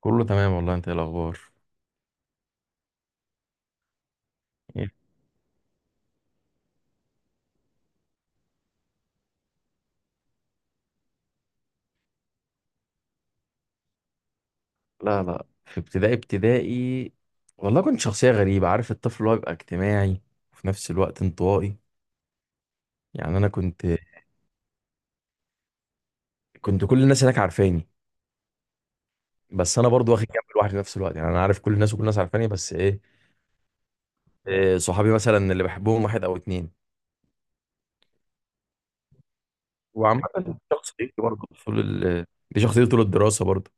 كله تمام والله، انت ايه الاخبار؟ ايه؟ لا لا، في ابتدائي. والله كنت شخصية غريبة، عارف الطفل اللي هو بيبقى اجتماعي وفي نفس الوقت انطوائي؟ يعني انا كنت كل الناس هناك عارفاني، بس انا برضو واخد جنب الواحد في نفس الوقت. يعني انا عارف كل الناس وكل الناس عارفاني، إيه صحابي مثلا اللي بحبهم واحد او اتنين. وعامة دي شخصيتي برضو طول ال... دي شخصيتي طول الدراسة برضو،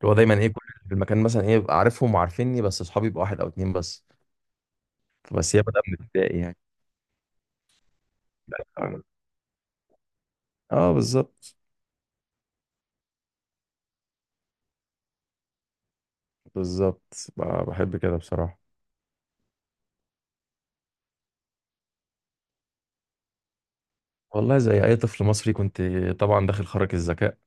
اللي هو دايما ايه، كل اللي في المكان مثلا ايه ببقى عارفهم وعارفيني، بس صحابي يبقى واحد او اتنين بس. بس هي بدأ من ابتدائي يعني. اه بالظبط. بالظبط ب- بحب كده بصراحة. والله زي أي طفل مصري كنت، طبعا داخل خارج الذكاء،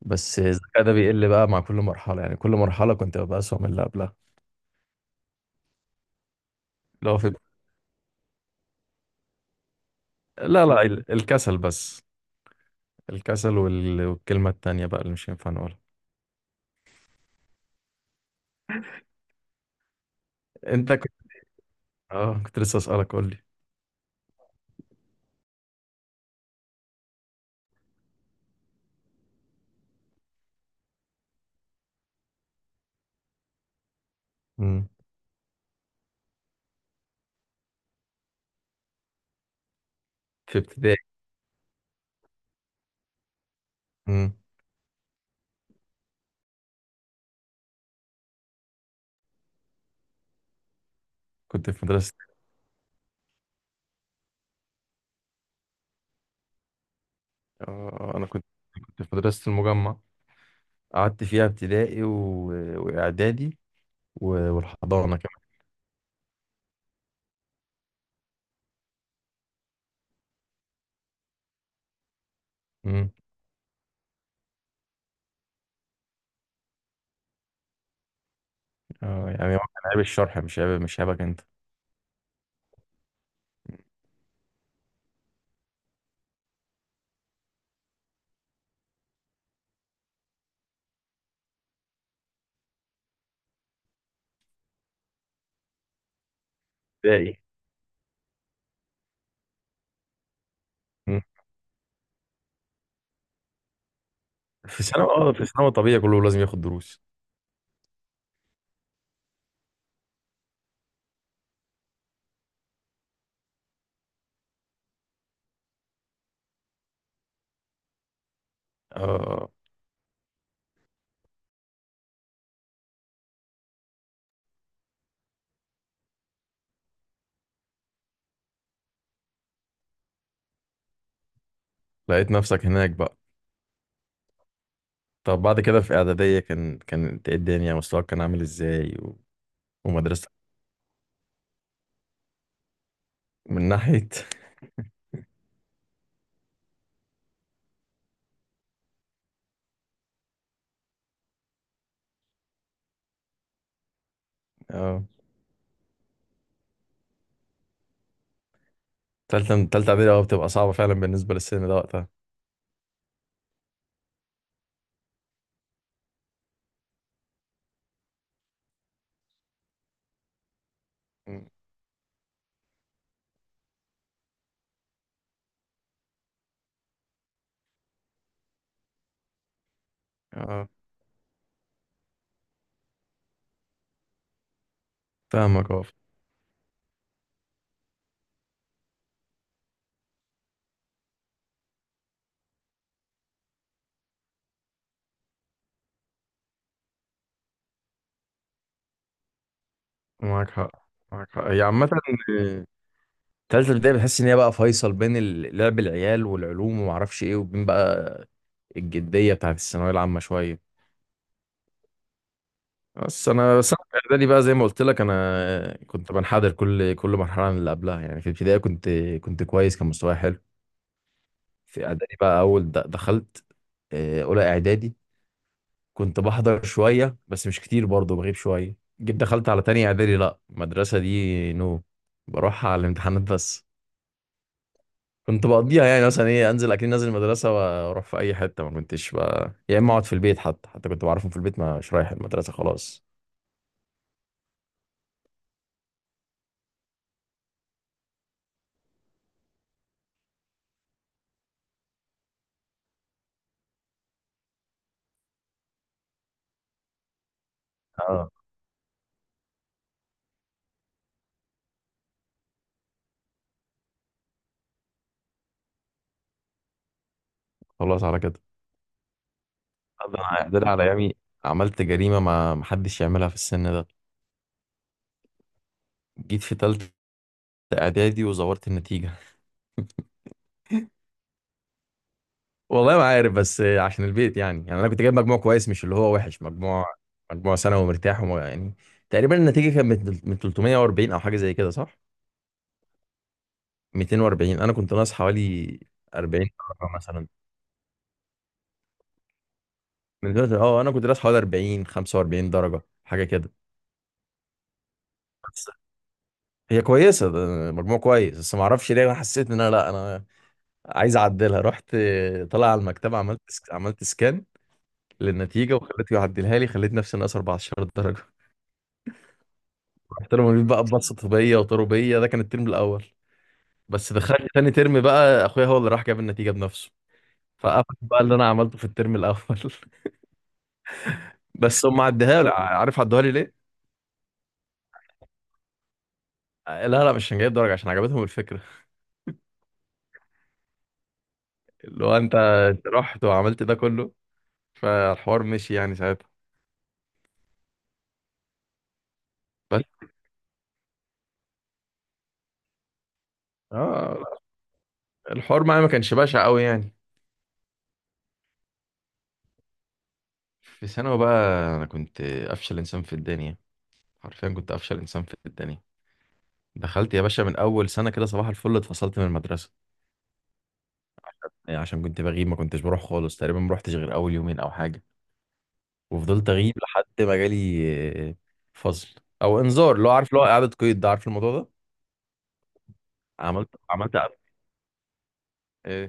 بس الذكاء ده بيقل بقى مع كل مرحلة، يعني كل مرحلة كنت ببقى أسوأ من اللي قبلها. لو في. لا لا، الكسل بس، الكسل والكلمة التانية بقى اللي مش ينفع نقولها. أنت كنت. آه كنت لسه أسألك، قول لي. مم. في ابتدائي. مم. كنت في مدرسة. آه أنا كنت كنت في مدرسة المجمع، قعدت فيها ابتدائي وإعدادي والحضانة كمان. اه، يعني هو كان عيب الشرح، مش عيب، مش عيبك انت. ابتدائي. مم. في ثانوي؟ اه في ثانوي طبيعي، كله لازم ياخد دروس. اه لقيت نفسك هناك بقى. طب بعد كده في اعداديه كان إيه الدنيا، مستواك كان عامل ازاي ومدرستك؟ من ناحيه اه. تالتة اعدادي، اه بتبقى صعبه فعلا بالنسبه للسن ده وقتها. مم. اه فاهمك، اه. معاك حق. معاك حق، هي عامه آه، تالتة ابتدائي بتحس ان هي بقى فيصل بين لعب العيال والعلوم ومعرفش ايه، وبين بقى الجديه بتاعت الثانويه العامه شويه. بس انا في اعدادي بقى زي ما قلت لك، انا كنت بنحدر كل مرحله من اللي قبلها. يعني في الابتدائي كنت كويس، كان مستواي حلو. في اعدادي بقى اول دخلت آه، اولى اعدادي كنت بحضر شويه بس مش كتير، برضه بغيب شويه. جيت دخلت على تاني اعدادي، لا المدرسه دي نو، بروح على الامتحانات بس. كنت بقضيها يعني، مثلا ايه، انزل اكيد نازل المدرسه واروح في اي حته. ما كنتش بقى، يا اما اقعد في البيت. حتى كنت بعرفهم في البيت مش رايح المدرسه خلاص. اه خلاص على كده. ده أنا، ده أنا على ايامي عملت جريمه ما محدش يعملها في السن ده. جيت في تالتة اعدادي وزورت النتيجه والله ما عارف، بس عشان البيت يعني. يعني انا كنت جايب مجموع كويس، مش اللي هو وحش. مجموع، مجموع ثانوي مرتاح، يعني تقريبا النتيجه كانت من 340 او حاجه زي كده، صح؟ 240، انا كنت ناقص حوالي 40 درجه مثلا. من دلوقتي اه انا كنت ناقص حوالي 40، 45 درجه حاجه كده. بس هي كويسه، ده مجموع كويس. بس ما اعرفش ليه انا حسيت ان انا، لا انا عايز اعدلها. رحت طالع على المكتبه، عملت عملت سكان للنتيجه وخليته يعدلها لي، خليت نفسي ناقص 14 درجه. رحت لهم قالوا لي بقى ببسط طبيه وطربيه. ده كان الترم الاول. بس دخلت تاني ترم بقى، اخويا هو اللي راح جاب النتيجه بنفسه، فقفل بقى اللي انا عملته في الترم الاول بس هم عدها لي، عارف عدوها لي ليه؟ لا لا، مش هنجيب درجه، عشان عجبتهم الفكره. اللي هو انت، أنت رحت وعملت ده كله، فالحوار مشي يعني ساعتها. بس اه الحوار معايا ما كانش بشع قوي يعني. في ثانوي بقى انا كنت افشل انسان في الدنيا، حرفيا كنت افشل انسان في الدنيا. دخلت يا باشا من اول سنه كده صباح الفل، اتفصلت من المدرسه. يعني عشان كنت بغيب، ما كنتش بروح خالص تقريبا، ما روحتش غير اول يومين او حاجه. وفضلت اغيب لحد ما جالي آه، فصل او انذار، اللي هو عارف اللي هو اعاده قيد، ده عارف الموضوع ده. عملت إعادة. آه،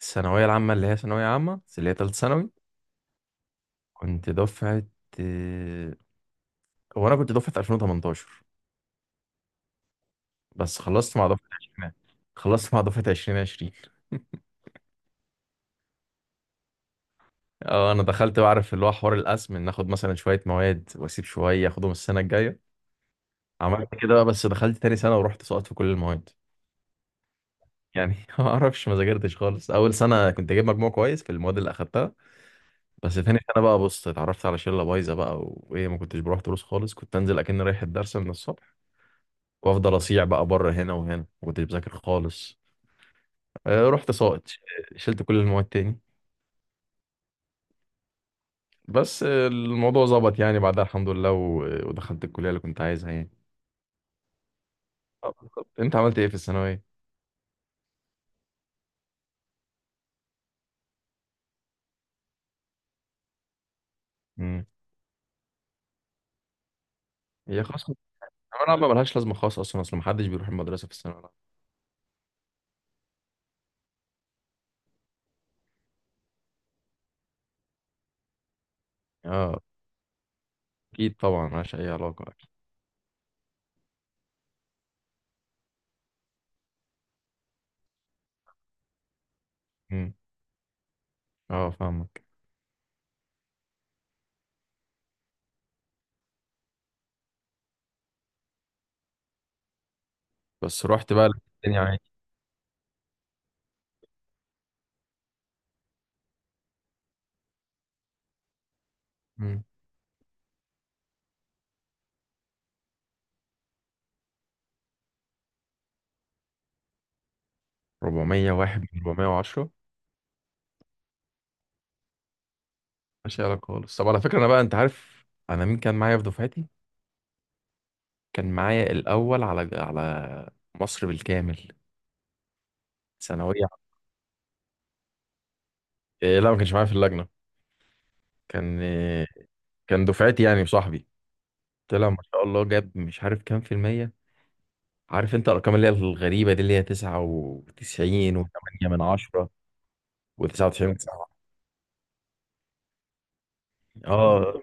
الثانويه العامه اللي هي ثانويه عامه بس اللي هي ثالث ثانوي. كنت دفعه آه، هو انا كنت دفعه 2018، بس خلصت مع دفعه 20، خلصت مع دفعه 2020. اه انا دخلت بعرف اللي هو حوار القسم، ان اخد مثلا شويه مواد واسيب شويه اخدهم السنه الجايه. عملت كده بقى، بس دخلت تاني سنه ورحت سقطت في كل المواد. يعني ما اعرفش، ما ذاكرتش خالص. اول سنه كنت جايب مجموع كويس في المواد اللي اخدتها، بس تاني سنه بقى بص اتعرفت على شله بايظه بقى، وايه ما كنتش بروح دروس خالص، كنت انزل اكن رايح الدرس من الصبح وافضل اصيع بقى بره هنا وهنا، ما كنتش بذاكر خالص. آه، رحت ساقط، شلت كل المواد تاني. بس آه، الموضوع ظبط يعني بعدها الحمد لله، ودخلت الكليه اللي كنت عايزها يعني. آه، بالظبط. انت عملت ايه في الثانويه؟ امم، هي خلاص، الثانويه العامه ملهاش لازمه خالص اصلا، اصل محدش بيروح المدرسه في الثانويه العامه. اه اكيد طبعا، ملهاش اي علاقه اكيد. امم. اه فاهمك. بس رحت بقى لقيت الدنيا عادي. امم. 401 من 410؟ ملهاش أي علاقه خالص. طب على فكره انا بقى، انت عارف انا مين كان معايا في دفعتي؟ كان معايا الاول على مصر بالكامل، ثانويه. إيه لا، ما كانش معايا في اللجنه، كان إيه، كان دفعتي يعني وصاحبي. طلع ما شاء الله جاب مش عارف كام في المية. عارف انت الارقام اللي هي الغريبه دي، اللي هي 99 و8 من 10 و99 من 9. اه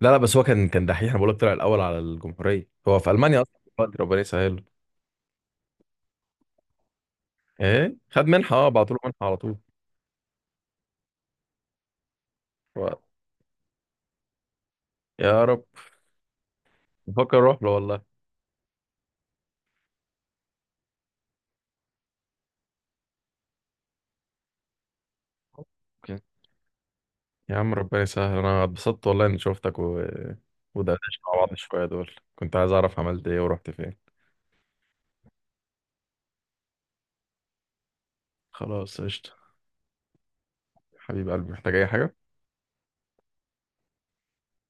لا لا، بس هو كان كان دحيح، انا بقول لك، طلع الاول على الجمهوريه. هو في المانيا اصلا دلوقتي، ربنا يسهله. ايه خد منحه، اه بعتوا له منحه على طول. و- يا رب. بفكر اروح له والله. اوكي. يا عم ربنا يسهل، انا اتبسطت والله اني شفتك و... ودردشت مع بعض شويه. دول كنت عايز اعرف عملت ايه ورحت فين. خلاص قشطه. حبيب قلبي، محتاج اي حاجه؟